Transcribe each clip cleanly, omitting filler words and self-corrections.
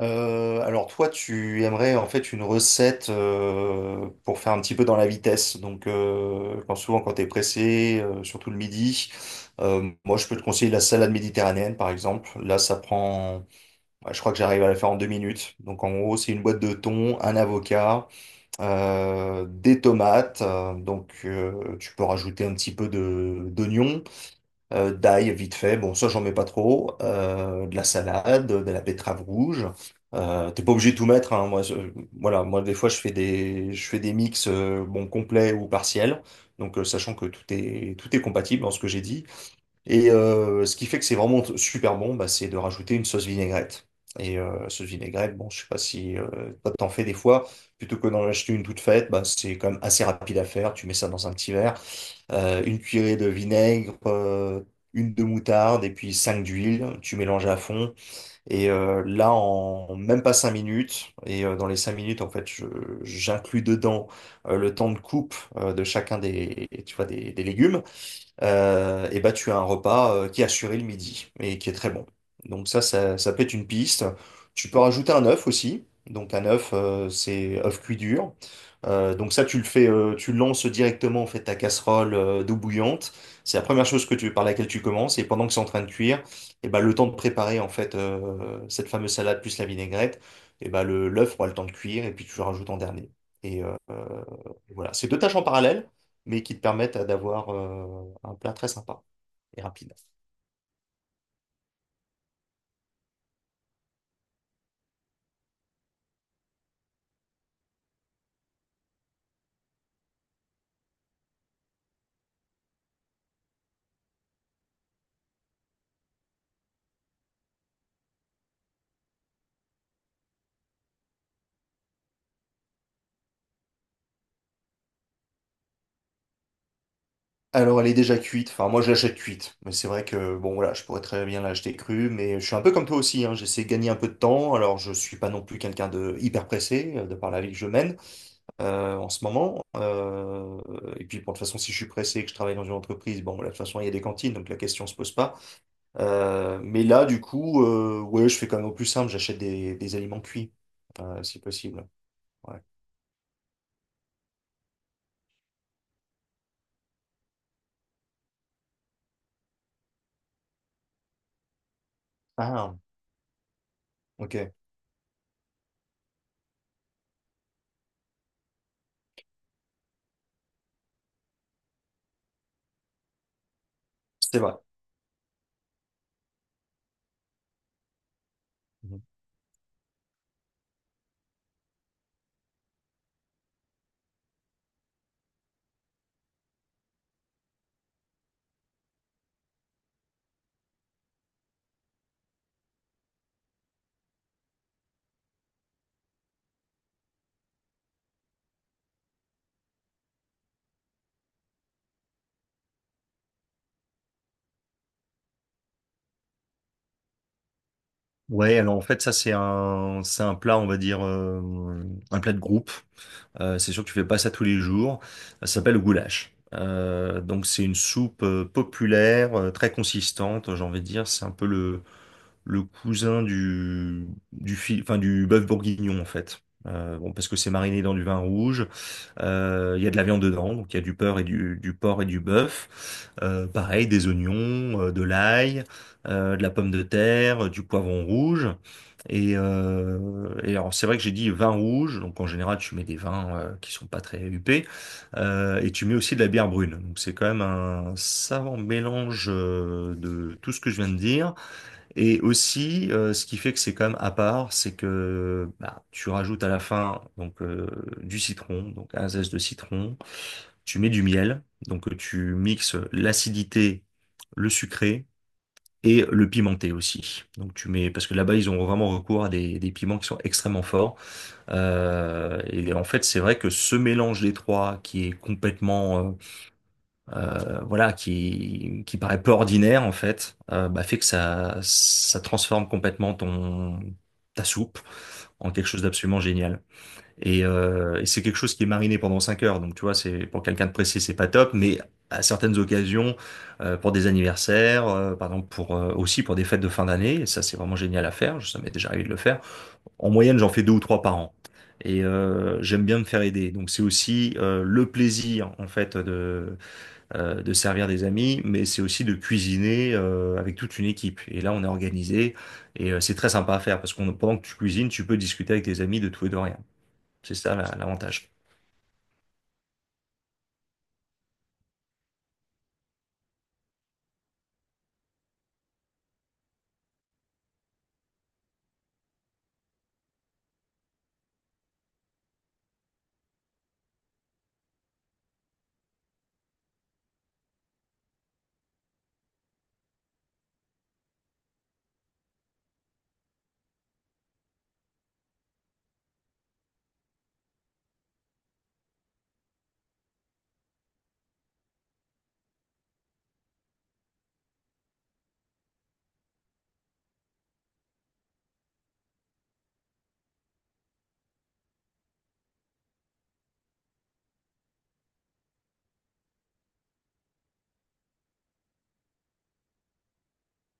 Alors toi, tu aimerais en fait une recette pour faire un petit peu dans la vitesse. Donc quand souvent quand t'es pressé, surtout le midi, moi je peux te conseiller la salade méditerranéenne par exemple. Là ça prend, je crois que j'arrive à la faire en 2 minutes. Donc en gros c'est une boîte de thon, un avocat, des tomates. Donc tu peux rajouter un petit peu de d'oignon d'ail vite fait, bon ça j'en mets pas trop, de la salade, de la betterave rouge. T'es pas obligé de tout mettre, hein. Voilà, moi des fois je fais des mix bon complets ou partiels, donc sachant que tout est compatible dans ce que j'ai dit. Et ce qui fait que c'est vraiment super bon, c'est de rajouter une sauce vinaigrette. Et sauce vinaigrette, bon je sais pas si toi, t'en fais des fois, plutôt que d'en acheter une toute faite, c'est quand même assez rapide à faire. Tu mets ça dans un petit verre une cuillerée de vinaigre, une de moutarde et puis 5 d'huile. Tu mélanges à fond. Et là, en même pas 5 minutes, et dans les 5 minutes, en fait, j'inclus dedans le temps de coupe de chacun des, tu vois, des légumes et bah tu as un repas qui est assuré le midi et qui est très bon. Donc ça peut être une piste. Tu peux rajouter un œuf aussi. Donc un œuf, c'est œuf cuit dur. Donc ça, tu le fais, tu lances directement en fait ta casserole d'eau bouillante. C'est la première chose que tu, par laquelle tu commences. Et pendant que c'est en train de cuire, et bah, le temps de préparer en fait cette fameuse salade plus la vinaigrette, et bah, le l'œuf aura le temps de cuire et puis tu le rajoutes en dernier. Et euh, euh, voilà, c'est deux tâches en parallèle, mais qui te permettent d'avoir un plat très sympa et rapide. Alors, elle est déjà cuite. Enfin, moi, je l'achète cuite. Mais c'est vrai que, bon, voilà, je pourrais très bien l'acheter crue. Mais je suis un peu comme toi aussi, hein. J'essaie de gagner un peu de temps. Alors, je suis pas non plus quelqu'un de hyper pressé, de par la vie que je mène en ce moment. Et puis, bon, de toute façon, si je suis pressé et que je travaille dans une entreprise, bon, voilà, de toute façon, il y a des cantines. Donc, la question se pose pas. Mais là, du coup, ouais, je fais quand même au plus simple. J'achète des aliments cuits, si possible. Ouais. Ah, ok. C'est vrai. Ouais, alors en fait, ça, c'est un plat, on va dire, un plat de groupe. C'est sûr que tu fais pas ça tous les jours. Ça s'appelle le goulash. Donc c'est une soupe populaire, très consistante, j'ai envie de dire. C'est un peu le cousin du, enfin, du bœuf bourguignon en fait. Bon, parce que c'est mariné dans du vin rouge. Il y a de la viande dedans, donc il y a du porc et du bœuf. Pareil, des oignons, de l'ail, de la pomme de terre, du poivron rouge. Et alors c'est vrai que j'ai dit vin rouge, donc en général tu mets des vins qui sont pas très huppés, et tu mets aussi de la bière brune. Donc c'est quand même un savant mélange de tout ce que je viens de dire. Et aussi ce qui fait que c'est quand même à part, c'est que bah, tu rajoutes à la fin donc du citron, donc un zeste de citron, tu mets du miel, donc tu mixes l'acidité, le sucré et le pimenté aussi. Donc tu mets, parce que là-bas, ils ont vraiment recours à des piments qui sont extrêmement forts. Et en fait, c'est vrai que ce mélange des trois, qui est complètement, voilà, qui paraît peu ordinaire en fait, bah, fait que ça transforme complètement ton ta soupe en quelque chose d'absolument génial. Et c'est quelque chose qui est mariné pendant 5 heures. Donc, tu vois, c'est pour quelqu'un de pressé, c'est pas top. Mais à certaines occasions, pour des anniversaires, par exemple, pour aussi pour des fêtes de fin d'année, et ça c'est vraiment génial à faire. Ça m'est déjà arrivé de le faire. En moyenne, j'en fais 2 ou 3 par an. Et j'aime bien me faire aider. Donc, c'est aussi le plaisir en fait de servir des amis, mais c'est aussi de cuisiner avec toute une équipe. Et là, on est organisé et c'est très sympa à faire parce qu'on pendant que tu cuisines, tu peux discuter avec tes amis de tout et de rien. C'est ça l'avantage.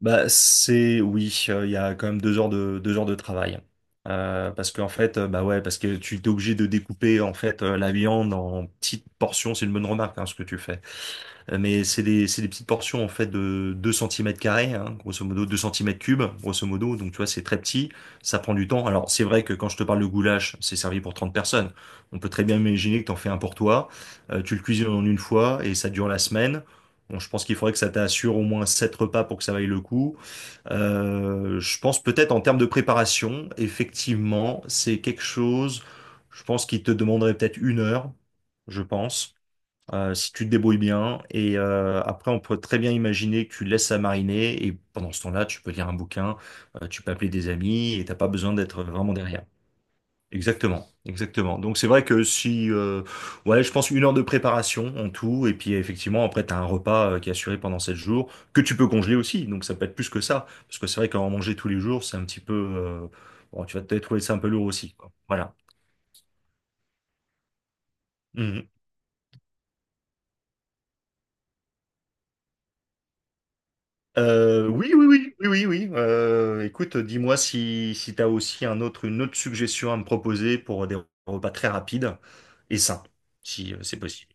Bah, c'est oui, il y a quand même 2 heures de travail. Parce qu'en fait, bah ouais, parce que tu es obligé de découper en fait la viande en petites portions. C'est une bonne remarque hein, ce que tu fais. Mais c'est des petites portions en fait de 2 centimètres carrés, hein, grosso modo 2 centimètres cubes, grosso modo. Donc tu vois, c'est très petit, ça prend du temps. Alors c'est vrai que quand je te parle de goulash, c'est servi pour 30 personnes. On peut très bien imaginer que t'en fais un pour toi, tu le cuisines en une fois et ça dure la semaine. Bon, je pense qu'il faudrait que ça t'assure au moins 7 repas pour que ça vaille le coup. Je pense peut-être en termes de préparation, effectivement, c'est quelque chose, je pense qu'il te demanderait peut-être 1 heure, je pense, si tu te débrouilles bien. Et après, on peut très bien imaginer que tu laisses ça mariner et pendant ce temps-là, tu peux lire un bouquin, tu peux appeler des amis et t'as pas besoin d'être vraiment derrière. Exactement, exactement. Donc c'est vrai que si, ouais, je pense 1 heure de préparation en tout, et puis effectivement après t'as un repas qui est assuré pendant 7 jours que tu peux congeler aussi. Donc ça peut être plus que ça, parce que c'est vrai qu'en manger tous les jours, c'est un petit peu, bon, tu vas peut-être trouver ça un peu lourd aussi, quoi. Voilà. Oui, oui, oui, oui, oui, oui. Écoute, dis-moi si, si tu as aussi une autre suggestion à me proposer pour des repas très rapides et sains, si c'est possible.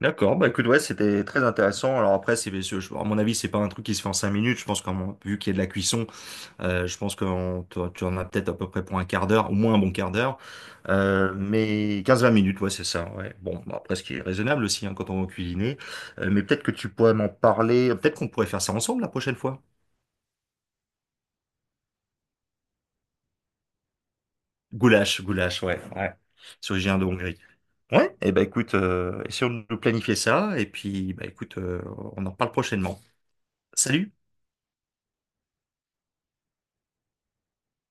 D'accord, bah écoute, ouais, c'était très intéressant. Alors après, à mon avis, c'est pas un truc qui se fait en 5 minutes. Je pense qu'en vu qu'il y a de la cuisson, je pense que tu en as peut-être à peu près pour un quart d'heure, au moins un bon quart d'heure. Mais 15-20 minutes, ouais, c'est ça. Ouais. Bon, bah, après, ce qui est raisonnable aussi hein, quand on va cuisiner. Mais peut-être que tu pourrais m'en parler. Peut-être qu'on pourrait faire ça ensemble la prochaine fois. Goulash, goulash, ouais, ouais. Syrien de Hongrie. Ouais, et ben écoute, essayons de planifier ça, et puis bah écoute, on en parle prochainement. Salut!